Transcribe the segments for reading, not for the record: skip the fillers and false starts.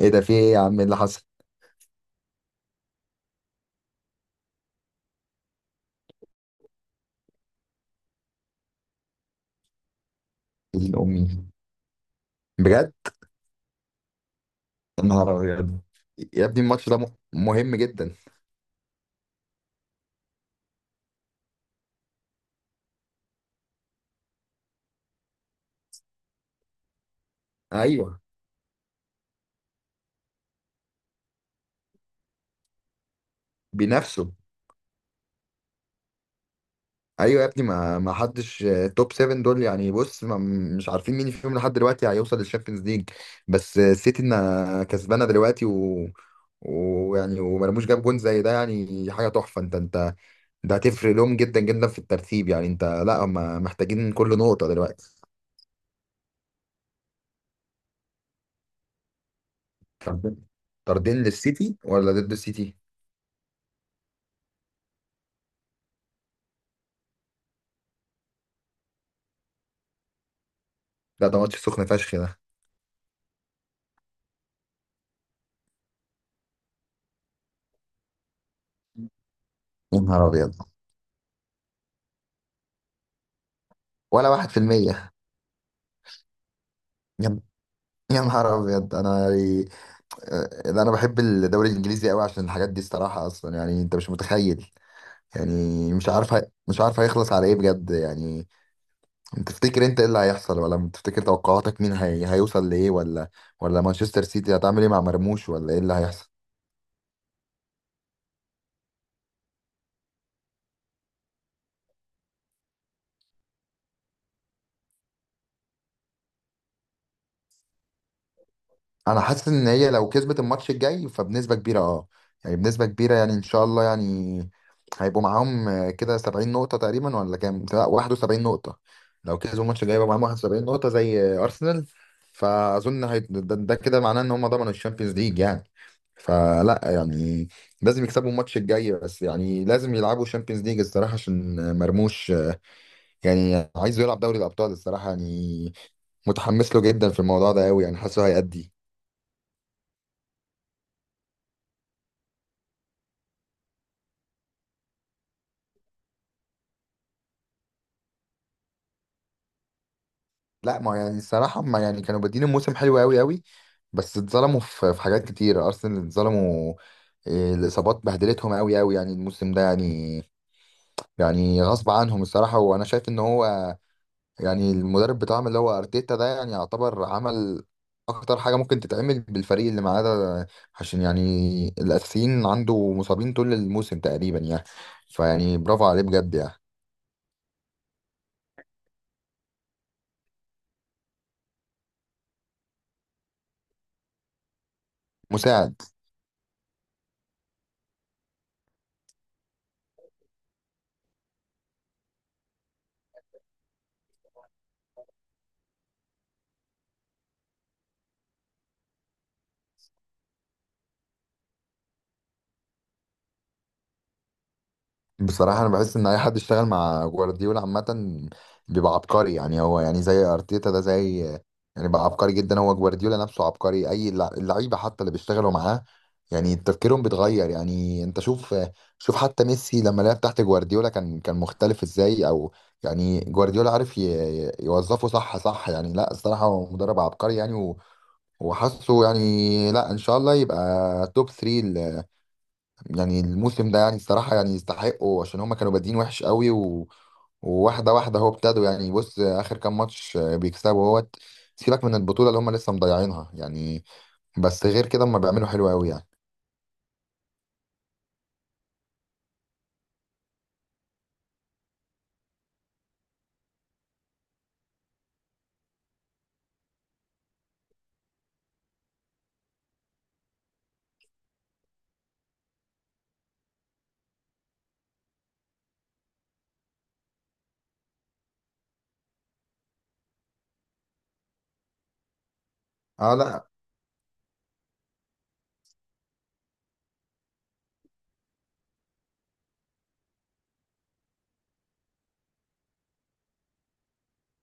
ايه ده، في ايه يا عم؟ إيه اللي حصل؟ إيه، امي؟ بجد؟ يا نهار ابيض. يا ابني الماتش ده مهم جدا. ايوه. بنفسه. ايوه يا ابني، ما حدش، توب 7 دول يعني. بص ما مش عارفين مين فيهم لحد دلوقتي هيوصل للشامبيونز ليج. بس السيتي إنها كسبانه دلوقتي، و ويعني ومرموش جاب جون زي ده يعني، حاجه تحفه. انت ده هتفرق لهم جدا جدا في الترتيب يعني. انت، لا، هم محتاجين كل نقطه دلوقتي. طردين؟ طردين للسيتي ولا ضد السيتي؟ لا، ده ماتش سخن فشخ ده. يا نهار ابيض. ولا واحد في المية. يا يا نهار ابيض. انا يعني، انا بحب الدوري الانجليزي قوي عشان الحاجات دي الصراحه، اصلا يعني انت مش متخيل. يعني مش عارف هيخلص على ايه بجد يعني. انت تفتكر، انت ايه اللي هيحصل؟ ولا تفتكر توقعاتك مين هيوصل لايه؟ ولا مانشستر سيتي هتعمل ايه مع مرموش؟ ولا ايه اللي هيحصل؟ انا حاسس ان هي لو كسبت الماتش الجاي فبنسبه كبيره، اه. يعني بنسبه كبيره، يعني ان شاء الله يعني. هيبقوا معاهم كده 70 نقطه تقريبا، ولا كام، لا 71 نقطه. لو كسبوا الماتش الجاي يبقى معاهم 71 نقطه زي ارسنال. فاظن ده كده معناه ان هم ضمنوا الشامبيونز ليج يعني. فلا يعني لازم يكسبوا الماتش الجاي بس يعني. لازم يلعبوا الشامبيونز ليج الصراحه عشان مرموش يعني عايزه يلعب دوري الابطال الصراحه يعني. متحمس له جدا في الموضوع ده قوي يعني، حاسه هيأدي. لا، ما يعني الصراحة، ما يعني كانوا بادين الموسم حلو قوي قوي. بس اتظلموا في حاجات كتير، أرسنال اتظلموا. إيه، الإصابات بهدلتهم قوي قوي يعني الموسم ده يعني. يعني غصب عنهم الصراحة. وأنا شايف إن هو يعني المدرب بتاعهم اللي هو أرتيتا ده يعني يعتبر عمل أكتر حاجة ممكن تتعمل بالفريق اللي معاه ده، عشان يعني الأساسيين عنده مصابين طول الموسم تقريبا يعني. فيعني برافو عليه بجد يعني. مساعد. بصراحة أنا بحس إن أي حد اشتغل مع جوارديولا عامة بيبقى عبقري يعني. هو يعني زي أرتيتا ده، زي يعني، بقى عبقري جدا. هو جوارديولا نفسه عبقري. أي اللعيبة حتى اللي بيشتغلوا معاه يعني تفكيرهم بيتغير يعني. أنت شوف، شوف حتى ميسي لما لعب تحت جوارديولا كان مختلف إزاي. أو يعني جوارديولا عارف يوظفه صح صح يعني. لا الصراحة هو مدرب عبقري يعني وحاسه يعني، لا إن شاء الله يبقى توب 3 يعني الموسم ده يعني. الصراحة يعني يستحقوا، عشان هما كانوا بادئين وحش قوي. و... وواحدة واحدة هو ابتدوا يعني. بص آخر كام ماتش بيكسبوا اهوت. سيبك من البطولة اللي هما لسه مضيعينها يعني. بس غير كده هما بيعملوا حلو قوي يعني. اه، لا.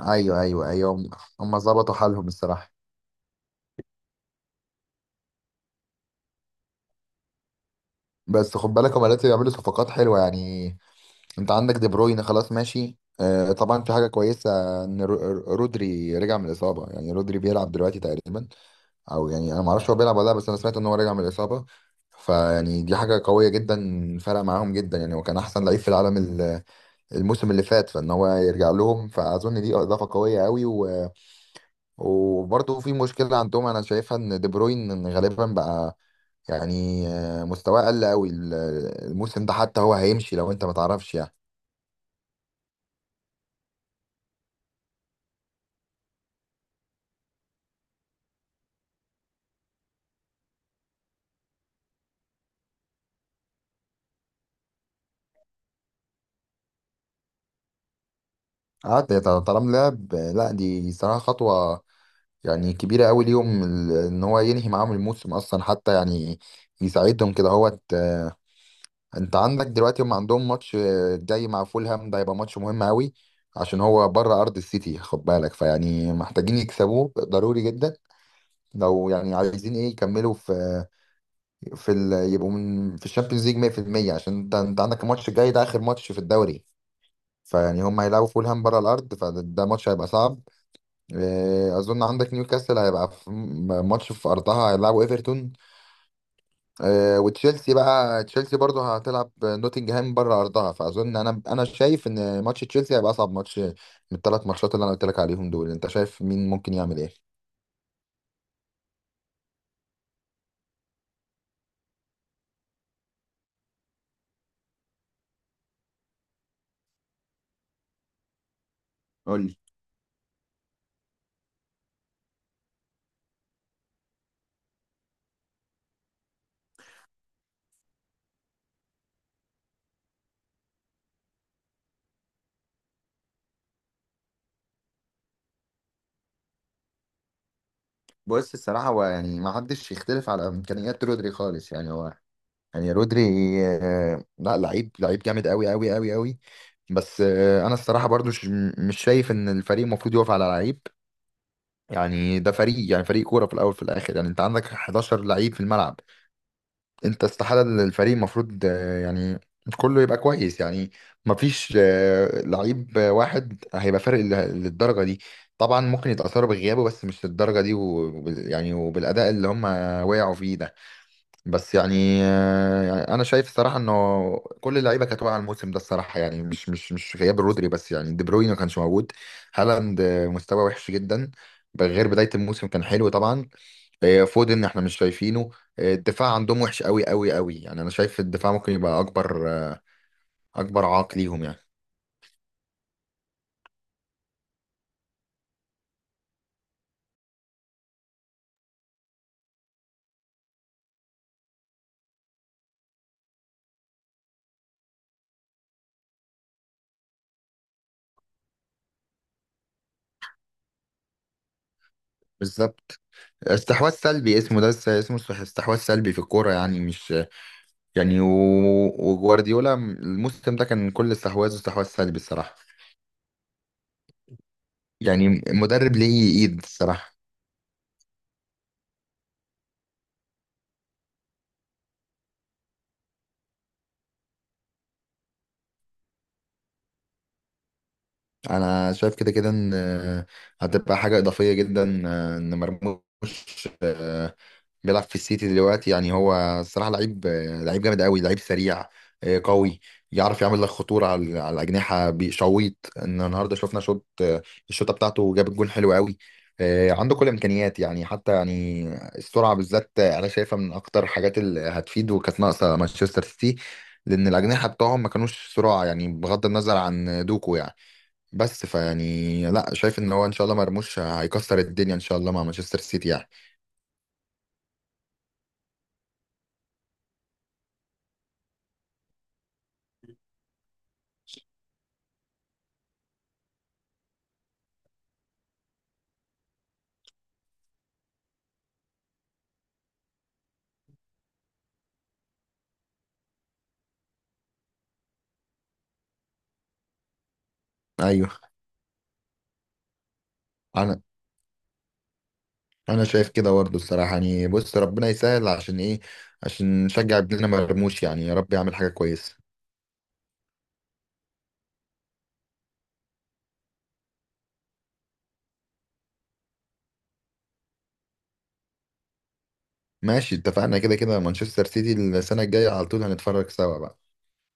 ايوه ايوه ايوه، هم ظبطوا حالهم الصراحة. بس خد بالك هما لسه بيعملوا صفقات حلوة يعني. انت عندك دي بروين، خلاص ماشي، آه، طبعا في حاجة كويسة ان رودري رجع من الإصابة يعني. رودري بيلعب دلوقتي تقريبا، او يعني انا ما اعرفش هو بيلعب ولا لا، بس انا سمعت ان هو راجع من الاصابه. فيعني دي حاجه قويه جدا، فرق معاهم جدا يعني. هو كان احسن لعيب في العالم الموسم اللي فات، فان هو يرجع لهم فاظن دي اضافه قويه قوي. و... وبرضه في مشكله عندهم انا شايفها، ان دي بروين غالبا بقى يعني مستواه قل قوي الموسم ده، حتى هو هيمشي لو انت ما تعرفش يعني. قعد. طالما لعب، لا دي صراحه خطوه يعني كبيرة أوي ليهم إن هو ينهي معاهم الموسم أصلا حتى يعني يساعدهم كده هو. أنت عندك دلوقتي هم عندهم ماتش جاي مع فولهام. ده هيبقى ماتش مهم أوي عشان هو بره أرض السيتي، خد بالك. فيعني محتاجين يكسبوه ضروري جدا، لو يعني عايزين إيه يكملوا في يبقوا في الشامبيونز ليج 100%، عشان أنت عندك الماتش الجاي ده آخر ماتش في الدوري. فيعني هم هيلعبوا فولهام بره الأرض، فده ماتش هيبقى صعب. اظن عندك نيوكاسل هيبقى في ماتش في ارضها، هيلعبوا ايفرتون. وتشيلسي بقى، تشيلسي برضه هتلعب نوتنجهام بره ارضها، فاظن انا شايف ان ماتش تشيلسي هيبقى اصعب ماتش من الثلاث ماتشات اللي انا قلت لك عليهم دول. انت شايف مين ممكن يعمل ايه؟ قول لي. بص الصراحه هو يعني ما حدش يختلف على امكانيات رودري خالص يعني. هو يعني رودري لا، لعيب، لعيب جامد قوي قوي قوي قوي. بس انا الصراحه برضو مش شايف ان الفريق المفروض يقف على لعيب. يعني ده فريق، يعني فريق كوره في الاول في الاخر يعني. انت عندك 11 لعيب في الملعب. انت استحاله الفريق المفروض يعني كله يبقى كويس يعني. مفيش لعيب واحد هيبقى فارق للدرجه دي. طبعا ممكن يتاثروا بغيابه بس مش للدرجه دي، ويعني وبالاداء اللي هم وقعوا فيه ده. بس يعني يعني انا شايف الصراحه انه كل اللعيبه كانت واقعه الموسم ده الصراحه يعني، مش غياب رودري بس يعني. دي بروين ما كانش موجود. هالاند مستواه وحش جدا، غير بدايه الموسم كان حلو طبعا. فودن احنا مش شايفينه. الدفاع عندهم وحش قوي قوي قوي يعني. انا شايف الدفاع ممكن يبقى اكبر اكبر عائق ليهم يعني. بالظبط. استحواذ سلبي اسمه ده، اسمه استحواذ سلبي في الكوره يعني. مش يعني، وجوارديولا الموسم ده كان كل استحواذه استحواذ سلبي الصراحه. يعني مدرب ليه ايد الصراحة. انا شايف كده كده ان هتبقى حاجه اضافيه جدا ان مرموش آه، بيلعب في السيتي دلوقتي يعني. هو الصراحه لعيب، لعيب جامد قوي، لعيب سريع قوي. يعرف يعمل لك خطوره على الاجنحه، بيشويط ان النهارده شفنا شوط الشوطه بتاعته جاب الجون حلو قوي. عنده كل الامكانيات يعني. حتى يعني السرعه بالذات انا شايفها من اكتر الحاجات اللي هتفيد وكانت ناقصه مانشستر سيتي، لان الاجنحه بتوعهم ما كانوش سرعه يعني، بغض النظر عن دوكو يعني. بس فيعني لا، شايف ان هو ان شاء الله مرموش هيكسر الدنيا ان شاء الله مع مانشستر سيتي يعني. ايوه. انا انا شايف كده برضه الصراحه يعني. بص ربنا يسهل عشان ايه؟ عشان نشجع ابننا مرموش يعني، يا رب يعمل حاجه كويسه. ماشي، اتفقنا. كده كده مانشستر سيتي السنه الجايه على طول هنتفرج سوا بقى.